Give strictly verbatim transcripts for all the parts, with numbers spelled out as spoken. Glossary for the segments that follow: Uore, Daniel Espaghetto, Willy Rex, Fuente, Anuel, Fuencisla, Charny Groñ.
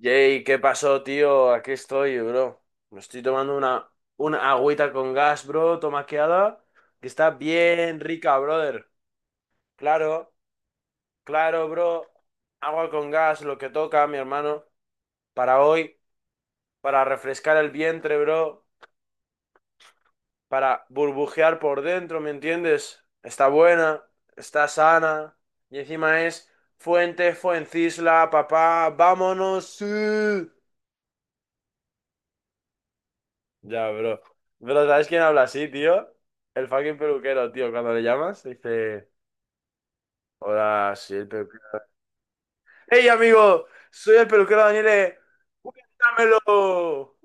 Jay, ¿qué pasó, tío? Aquí estoy, bro. Me estoy tomando una, una agüita con gas, bro, tomaqueada, que está bien rica, brother. Claro, claro, bro. Agua con gas, lo que toca, mi hermano, para hoy, para refrescar el vientre, bro, para burbujear por dentro, ¿me entiendes? Está buena, está sana, y encima es Fuente, Fuencisla, papá, vámonos. Sí. Ya, bro. Pero ¿sabes quién habla así, tío? El fucking peluquero, tío. Cuando le llamas, dice, hola, sí, el peluquero. ¡Hey, amigo! Soy el peluquero Daniele. ¡Cuéntamelo!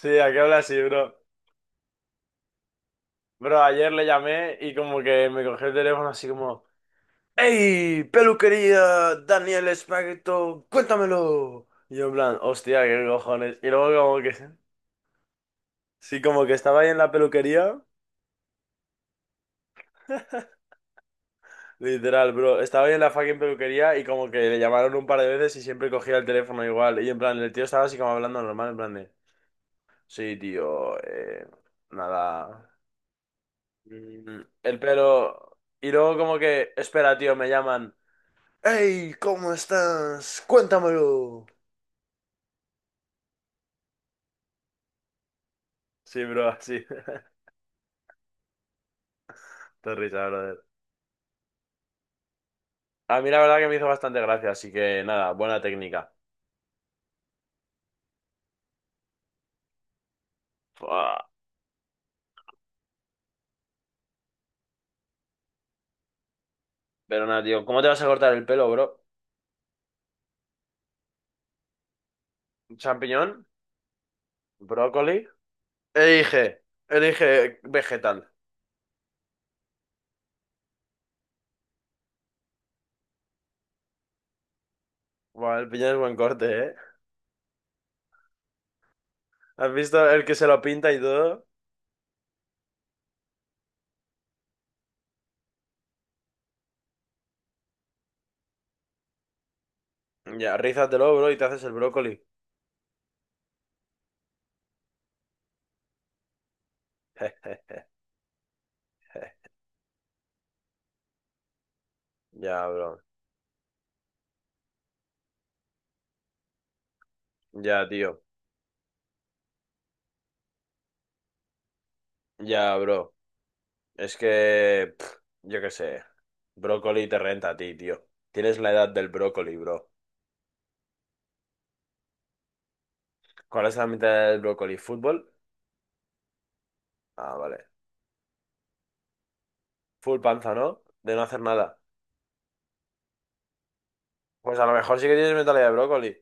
Sí, ¿a qué habla así, bro? Bro, ayer le llamé y como que me cogió el teléfono así como, ¡Hey, peluquería Daniel Espaghetto! ¡Cuéntamelo! Y yo en plan, hostia, qué cojones. Y luego como que, sí, como que estaba ahí en la peluquería. Literal, bro. Estaba yo en la fucking peluquería y como que le llamaron un par de veces y siempre cogía el teléfono igual. Y en plan, el tío estaba así como hablando normal, en plan de, sí, tío, eh, nada. mm, El pelo. Y luego como que, espera, tío, me llaman. ¡Hey! ¿Cómo estás? Cuéntamelo. Sí, bro, así. Te risa, brother. A mí la verdad que me hizo bastante gracia, así que nada, buena técnica. Fua. Pero nada, tío, ¿cómo te vas a cortar el pelo, bro? ¿Champiñón? ¿Brócoli? Elige, elige vegetal. Buah, el piñón es buen corte, ¿eh? ¿Has visto el que se lo pinta y todo? Ya, rízatelo, bro, y te haces el brócoli. Ya, bro. Ya, tío. Ya, bro. Es que... pff, yo qué sé. Brócoli te renta a ti, tío. Tienes la edad del brócoli, bro. ¿Cuál es la mitad del brócoli? ¿Fútbol? Ah, vale. Full panza, ¿no? De no hacer nada. Pues a lo mejor sí que tienes mentalidad de brócoli.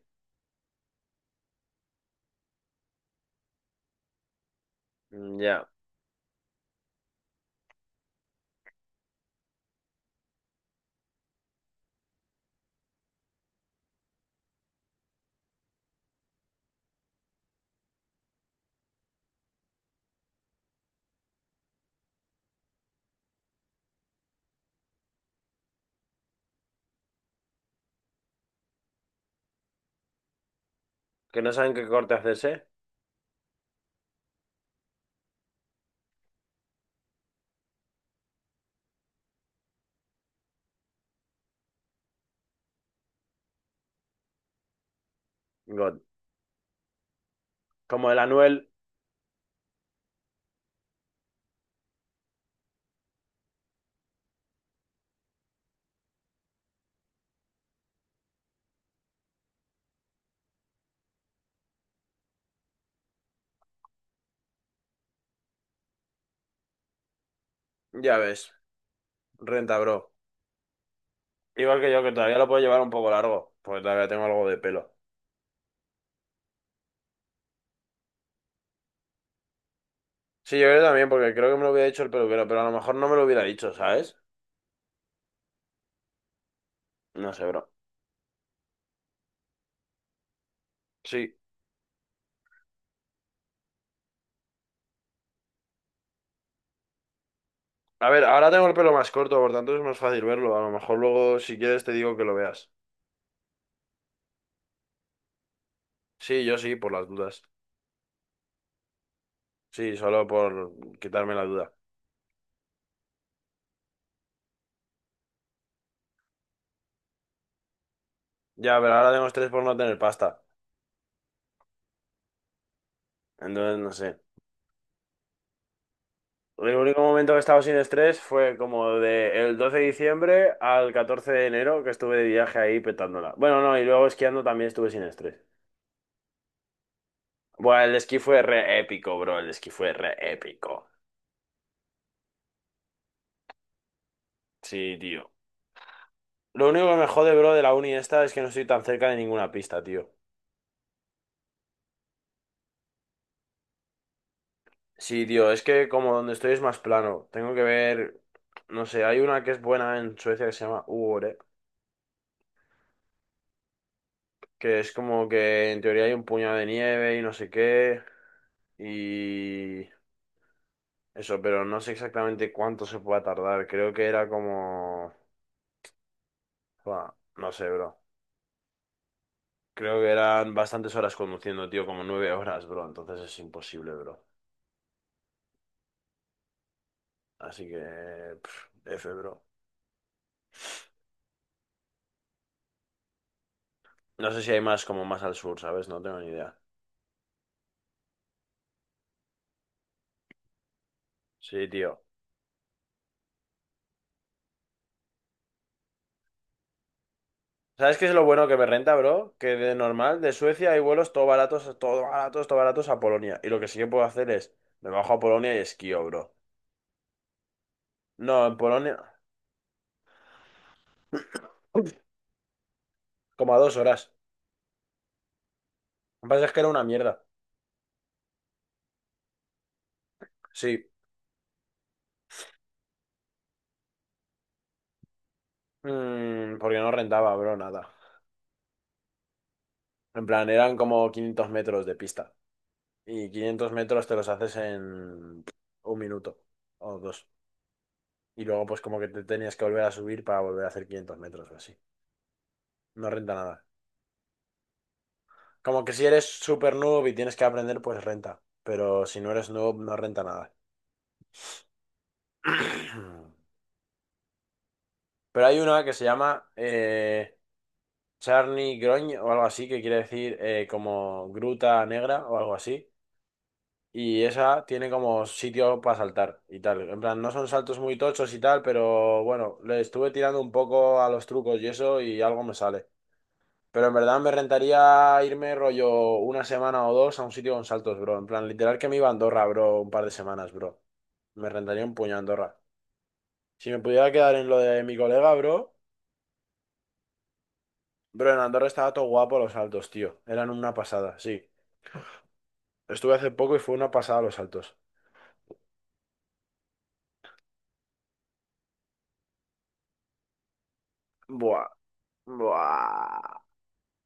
Mm, ya. Que no saben qué corte hacerse. God. Como el Anuel, ya ves. Renta, bro. Igual que yo, que todavía lo puedo llevar un poco largo, porque todavía tengo algo de pelo. Sí, yo creo también, porque creo que me lo hubiera dicho el peluquero, pero a lo mejor no me lo hubiera dicho, ¿sabes? No sé, bro. Sí. A ver, ahora tengo el pelo más corto, por tanto es más fácil verlo. A lo mejor luego, si quieres, te digo que lo veas. Sí, yo sí, por las dudas. Sí, solo por quitarme la duda. Ya, pero ahora tengo estrés por no tener pasta. Entonces, no sé. El único momento que he estado sin estrés fue como de el doce de diciembre al catorce de enero que estuve de viaje ahí petándola. Bueno, no, y luego esquiando también estuve sin estrés. Buah, el esquí fue re épico, bro. El esquí fue re épico. Sí, tío. Lo único que me jode, bro, de la uni esta es que no estoy tan cerca de ninguna pista, tío. Sí, tío, es que como donde estoy es más plano. Tengo que ver, no sé, hay una que es buena en Suecia que se llama Uore, que es como que en teoría hay un puñado de nieve y no sé qué. Y... Eso, pero no sé exactamente cuánto se pueda tardar. Creo que era como... Buah, no sé, bro. Creo que eran bastantes horas conduciendo, tío, como nueve horas, bro. Entonces es imposible, bro. Así que... pf, F, bro. No sé si hay más como más al sur, ¿sabes? No tengo ni idea. Sí, tío. ¿Sabes qué es lo bueno que me renta, bro? Que de normal, de Suecia hay vuelos todo baratos, todo baratos, todo baratos a Polonia. Y lo que sí que puedo hacer es, me bajo a Polonia y esquío, bro. No, en Polonia, como a dos horas. Lo que pasa es que era una mierda. Sí, Mm, porque no rentaba, bro, nada. En plan, eran como quinientos metros de pista. Y quinientos metros te los haces en un minuto o dos. Y luego, pues, como que te tenías que volver a subir para volver a hacer quinientos metros o así. No renta nada. Como que si eres super noob y tienes que aprender, pues renta. Pero si no eres noob, no renta nada. Pero hay una que se llama eh, Charny Groñ o algo así, que quiere decir eh, como gruta negra o algo así. Y esa tiene como sitio para saltar y tal. En plan, no son saltos muy tochos y tal, pero bueno, le estuve tirando un poco a los trucos y eso y algo me sale. Pero en verdad me rentaría irme rollo una semana o dos a un sitio con saltos, bro. En plan, literal que me iba a Andorra, bro, un par de semanas, bro. Me rentaría un puño a Andorra. Si me pudiera quedar en lo de mi colega, bro, bro, en Andorra estaba todo guapo los saltos, tío. Eran una pasada, sí. Estuve hace poco y fue una pasada los saltos. Buah, buah.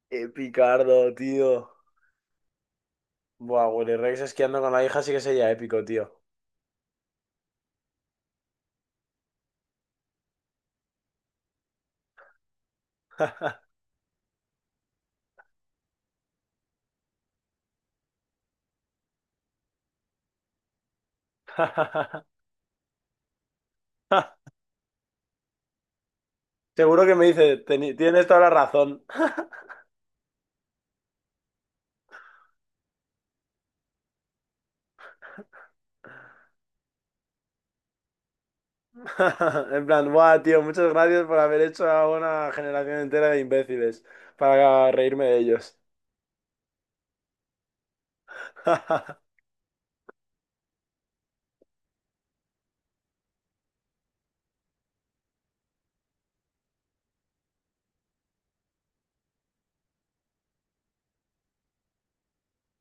Qué picardo, tío. Buah, Willy Rex esquiando con la hija sí que sería épico, tío. Seguro que me dice, "Teni- tienes toda la razón. En plan, buah, tío, muchas gracias por haber hecho a una generación entera de imbéciles para reírme de ellos.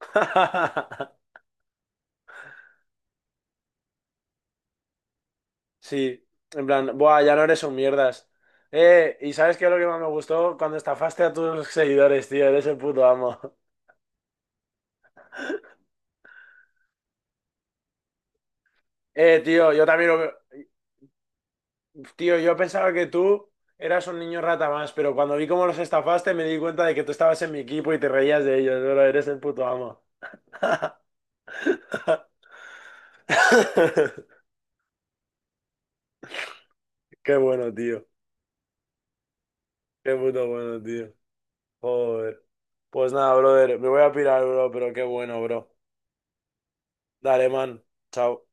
Sí, en plan, buah, ya no eres un mierdas. Eh, ¿y sabes qué es lo que más me gustó? Cuando estafaste a tus seguidores, tío, eres el puto amo. Eh, tío, yo también lo Tío, yo pensaba que tú eras un niño rata más, pero cuando vi cómo los estafaste me di cuenta de que tú estabas en mi equipo y te reías de ellos, bro, eres el puto amo. Qué bueno, tío. Qué puto bueno, tío. Joder. Pues nada, brother, me voy a pirar, bro, pero qué bueno, bro. Dale, man. Chao.